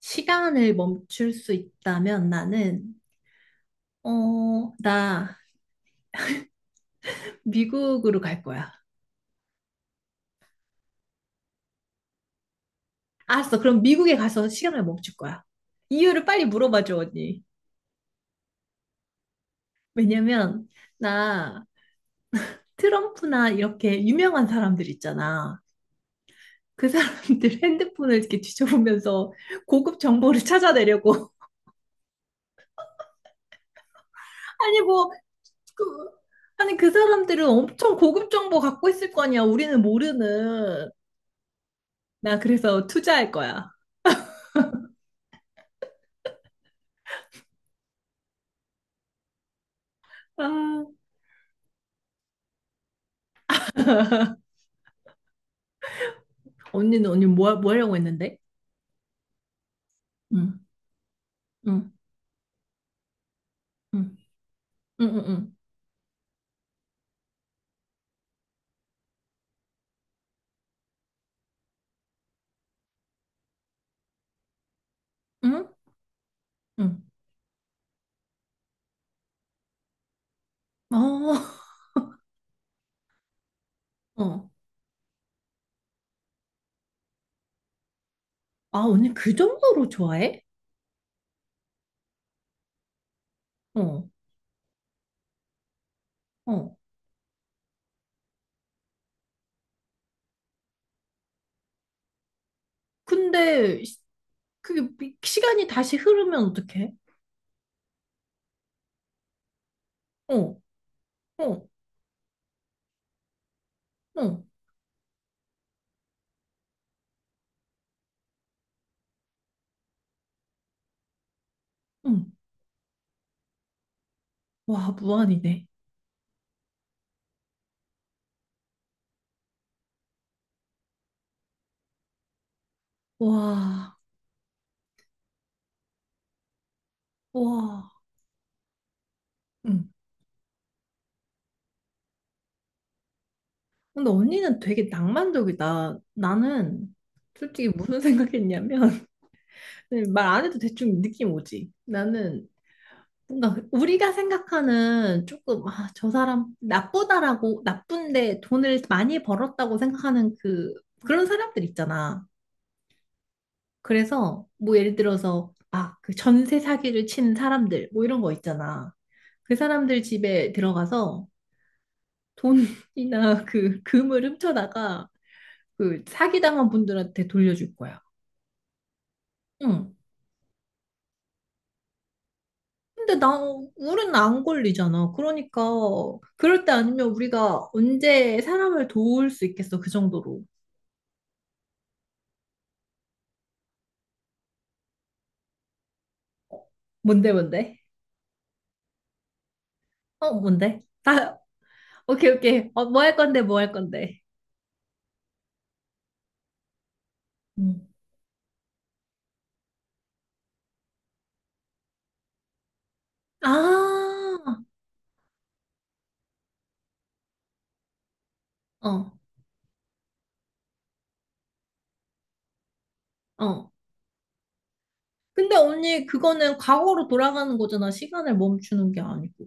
시간을 멈출 수 있다면 나는, 어, 나 미국으로 갈 거야. 알았어. 그럼 미국에 가서 시간을 멈출 거야. 이유를 빨리 물어봐줘, 언니. 왜냐면, 나 트럼프나 이렇게 유명한 사람들 있잖아. 그 사람들 핸드폰을 이렇게 뒤져보면서 고급 정보를 찾아내려고. 아니, 뭐, 그, 아니, 그 사람들은 엄청 고급 정보 갖고 있을 거 아니야. 우리는 모르는. 나 그래서 투자할 거야. 아. 언니는 언니 뭐, 뭐 하려고 했는데? 응, 응, 응, 응, 응, 응, 응. 응. 어, 어. 아, 언니 그 정도로 좋아해? 어, 어. 근데 그게 시간이 다시 흐르면 어떡해? 어, 어, 어, 응. 와, 무한이네. 와, 와. 응. 근데 언니는 되게 낭만적이다. 나는 솔직히 무슨 생각했냐면 말 안 해도 대충 느낌 오지. 나는 뭔가 우리가 생각하는 조금 아, 저 사람 나쁘다라고 나쁜데 돈을 많이 벌었다고 생각하는 그런 사람들 있잖아. 그래서 뭐 예를 들어서 아, 그 전세 사기를 친 사람들 뭐 이런 거 있잖아. 그 사람들 집에 들어가서 돈이나 그 금을 훔쳐다가 그 사기당한 분들한테 돌려줄 거야. 응. 근데 나 우리는 안 걸리잖아. 그러니까 그럴 때 아니면 우리가 언제 사람을 도울 수 있겠어? 그 정도로. 뭔데 뭔데? 어 뭔데? 나 오케이 오케이. 어, 뭐 할 건데 뭐 할 건데. 음. 아, 어, 어. 근데 언니 그거는 과거로 돌아가는 거잖아. 시간을 멈추는 게 아니고.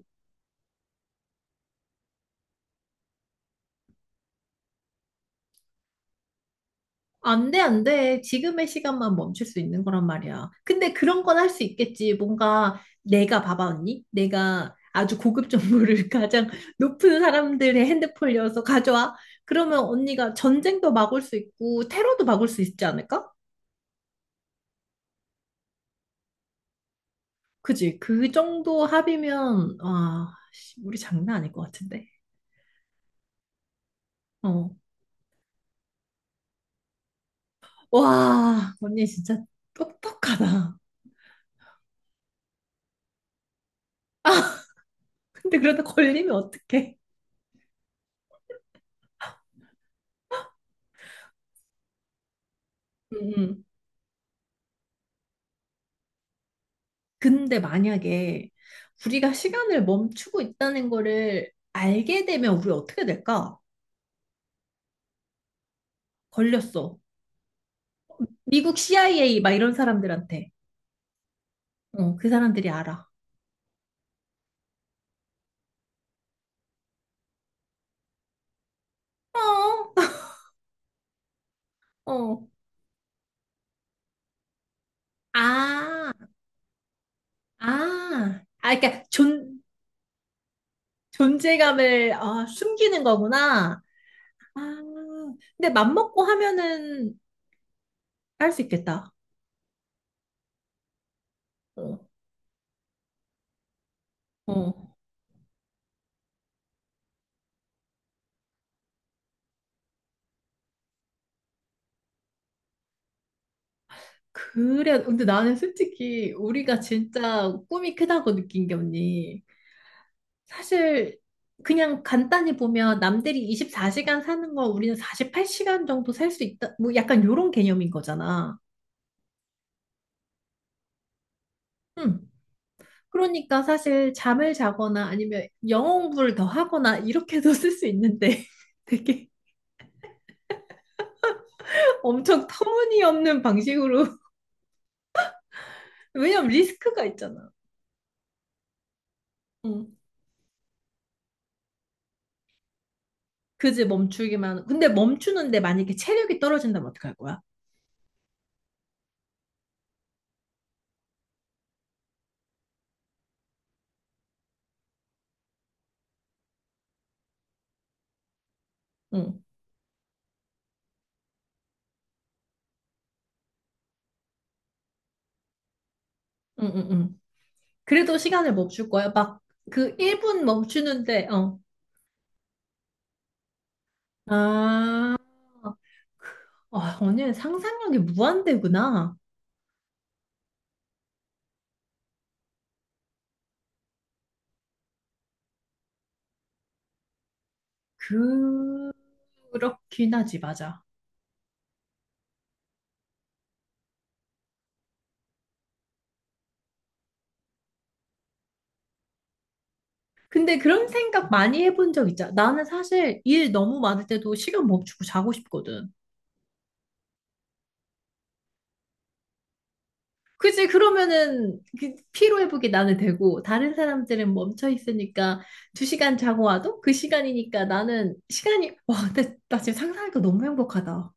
안 돼, 안 돼. 지금의 시간만 멈출 수 있는 거란 말이야. 근데 그런 건 할 수 있겠지. 뭔가 내가 봐봐, 언니. 내가 아주 고급 정보를 가장 높은 사람들의 핸드폰이어서 가져와. 그러면 언니가 전쟁도 막을 수 있고 테러도 막을 수 있지 않을까? 그지? 그 정도 합이면 와, 씨, 우리 장난 아닐 것 같은데. 어. 와, 언니 진짜 똑똑하다. 근데 그러다 걸리면 어떡해? 응. 근데 만약에 우리가 시간을 멈추고 있다는 거를 알게 되면 우리 어떻게 될까? 걸렸어. 미국 CIA 막 이런 사람들한테. 어, 그 사람들이 알아. 어, 어. 아, 아. 아, 그러니까 존재감을 아, 숨기는 거구나. 아, 근데 맘먹고 하면은 할 수 있겠다. 어, 어. 그래. 근데 나는 솔직히 우리가 진짜 꿈이 크다고 느낀 게 언니. 사실 그냥 간단히 보면 남들이 24시간 사는 걸 우리는 48시간 정도 살 수 있다. 뭐 약간 요런 개념인 거잖아. 음. 그러니까 사실 잠을 자거나 아니면 영어 공부를 더 하거나 이렇게도 쓸 수 있는데 되게 엄청 터무니없는 방식으로 왜냐면 리스크가 있잖아. 응. 그지 멈추기만. 근데 멈추는데 만약에 체력이 떨어진다면 어떡할 거야? 응. 응, 응, 응. 그래도 시간을 멈출 거야. 막 그 1분 멈추는데 어. 아, 아, 언니는 상상력이 무한대구나. 그렇긴 하지, 맞아. 근데 그런 생각 많이 해본 적 있잖아. 나는 사실 일 너무 많을 때도 시간 멈추고 자고 싶거든. 그치, 그러면은 그 피로회복이 나는 되고, 다른 사람들은 멈춰 있으니까 두 시간 자고 와도 그 시간이니까 나는 시간이, 와, 근데 나 지금 상상하니까 너무 행복하다.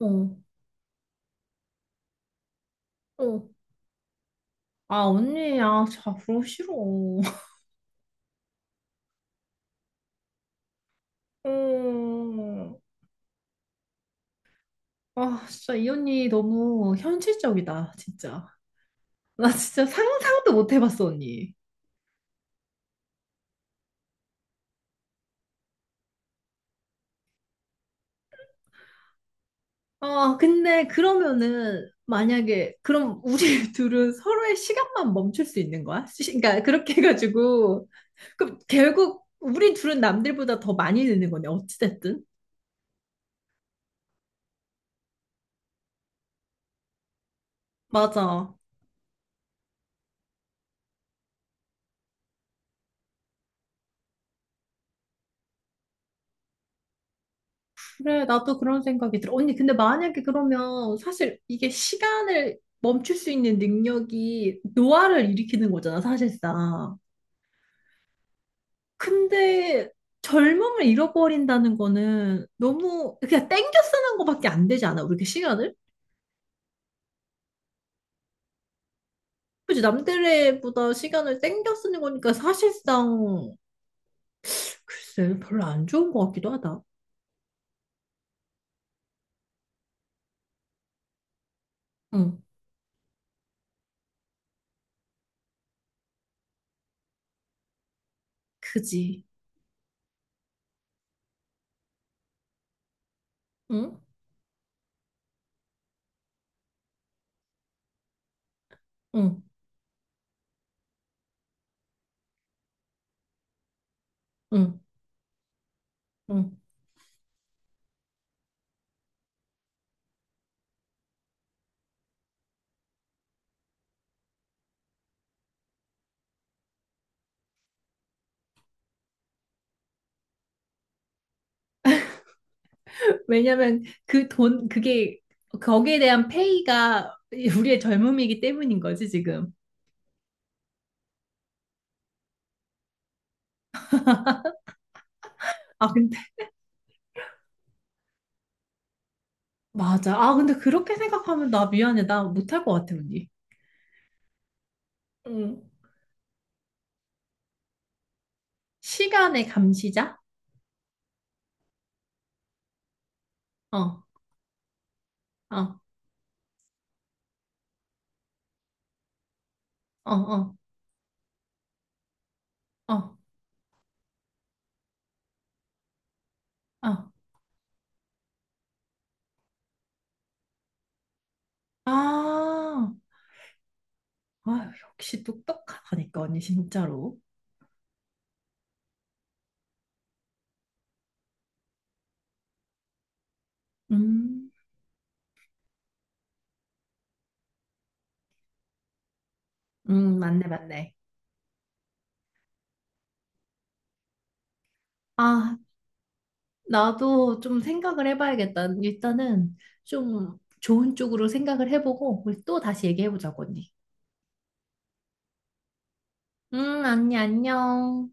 어, 어. 아, 언니야, 자고 싫어. 어... 아, 진짜 이 언니 너무 현실적이다, 진짜. 나 진짜 상상도 못 해봤어, 언니. 아, 근데 그러면은 만약에 그럼 우리 둘은 서로의 시간만 멈출 수 있는 거야? 그러니까 그렇게 해가지고 그럼 결국 우리 둘은 남들보다 더 많이 늙는 거네, 어찌됐든. 맞아. 그래, 나도 그런 생각이 들어. 언니, 근데 만약에 그러면 사실 이게 시간을 멈출 수 있는 능력이 노화를 일으키는 거잖아, 사실상. 근데 젊음을 잃어버린다는 거는 너무 그냥 땡겨 쓰는 거밖에 안 되지 않아? 우리 그 시간을? 그치, 남들보다 시간을 땡겨 쓰는 거니까 사실상 글쎄 별로 안 좋은 것 같기도 하다. 응, 그지. 응, 응, 응, 응. 왜냐면 그 돈, 그게 거기에 대한 페이가 우리의 젊음이기 때문인 거지 지금. 아 근데 맞아. 아 근데 그렇게 생각하면 나 미안해. 나 못할 것 같아 언니. 응. 시간의 감시자? 어, 어, 어, 어, 어, 어. 아, 아유, 역시 똑똑하다니까, 언니, 진짜로. 음, 맞네, 맞네. 아, 나도 좀 생각을 해봐야겠다. 일단은 좀 좋은 쪽으로 생각을 해보고, 우리 또 다시 얘기해보자고, 언니. 언니, 안녕.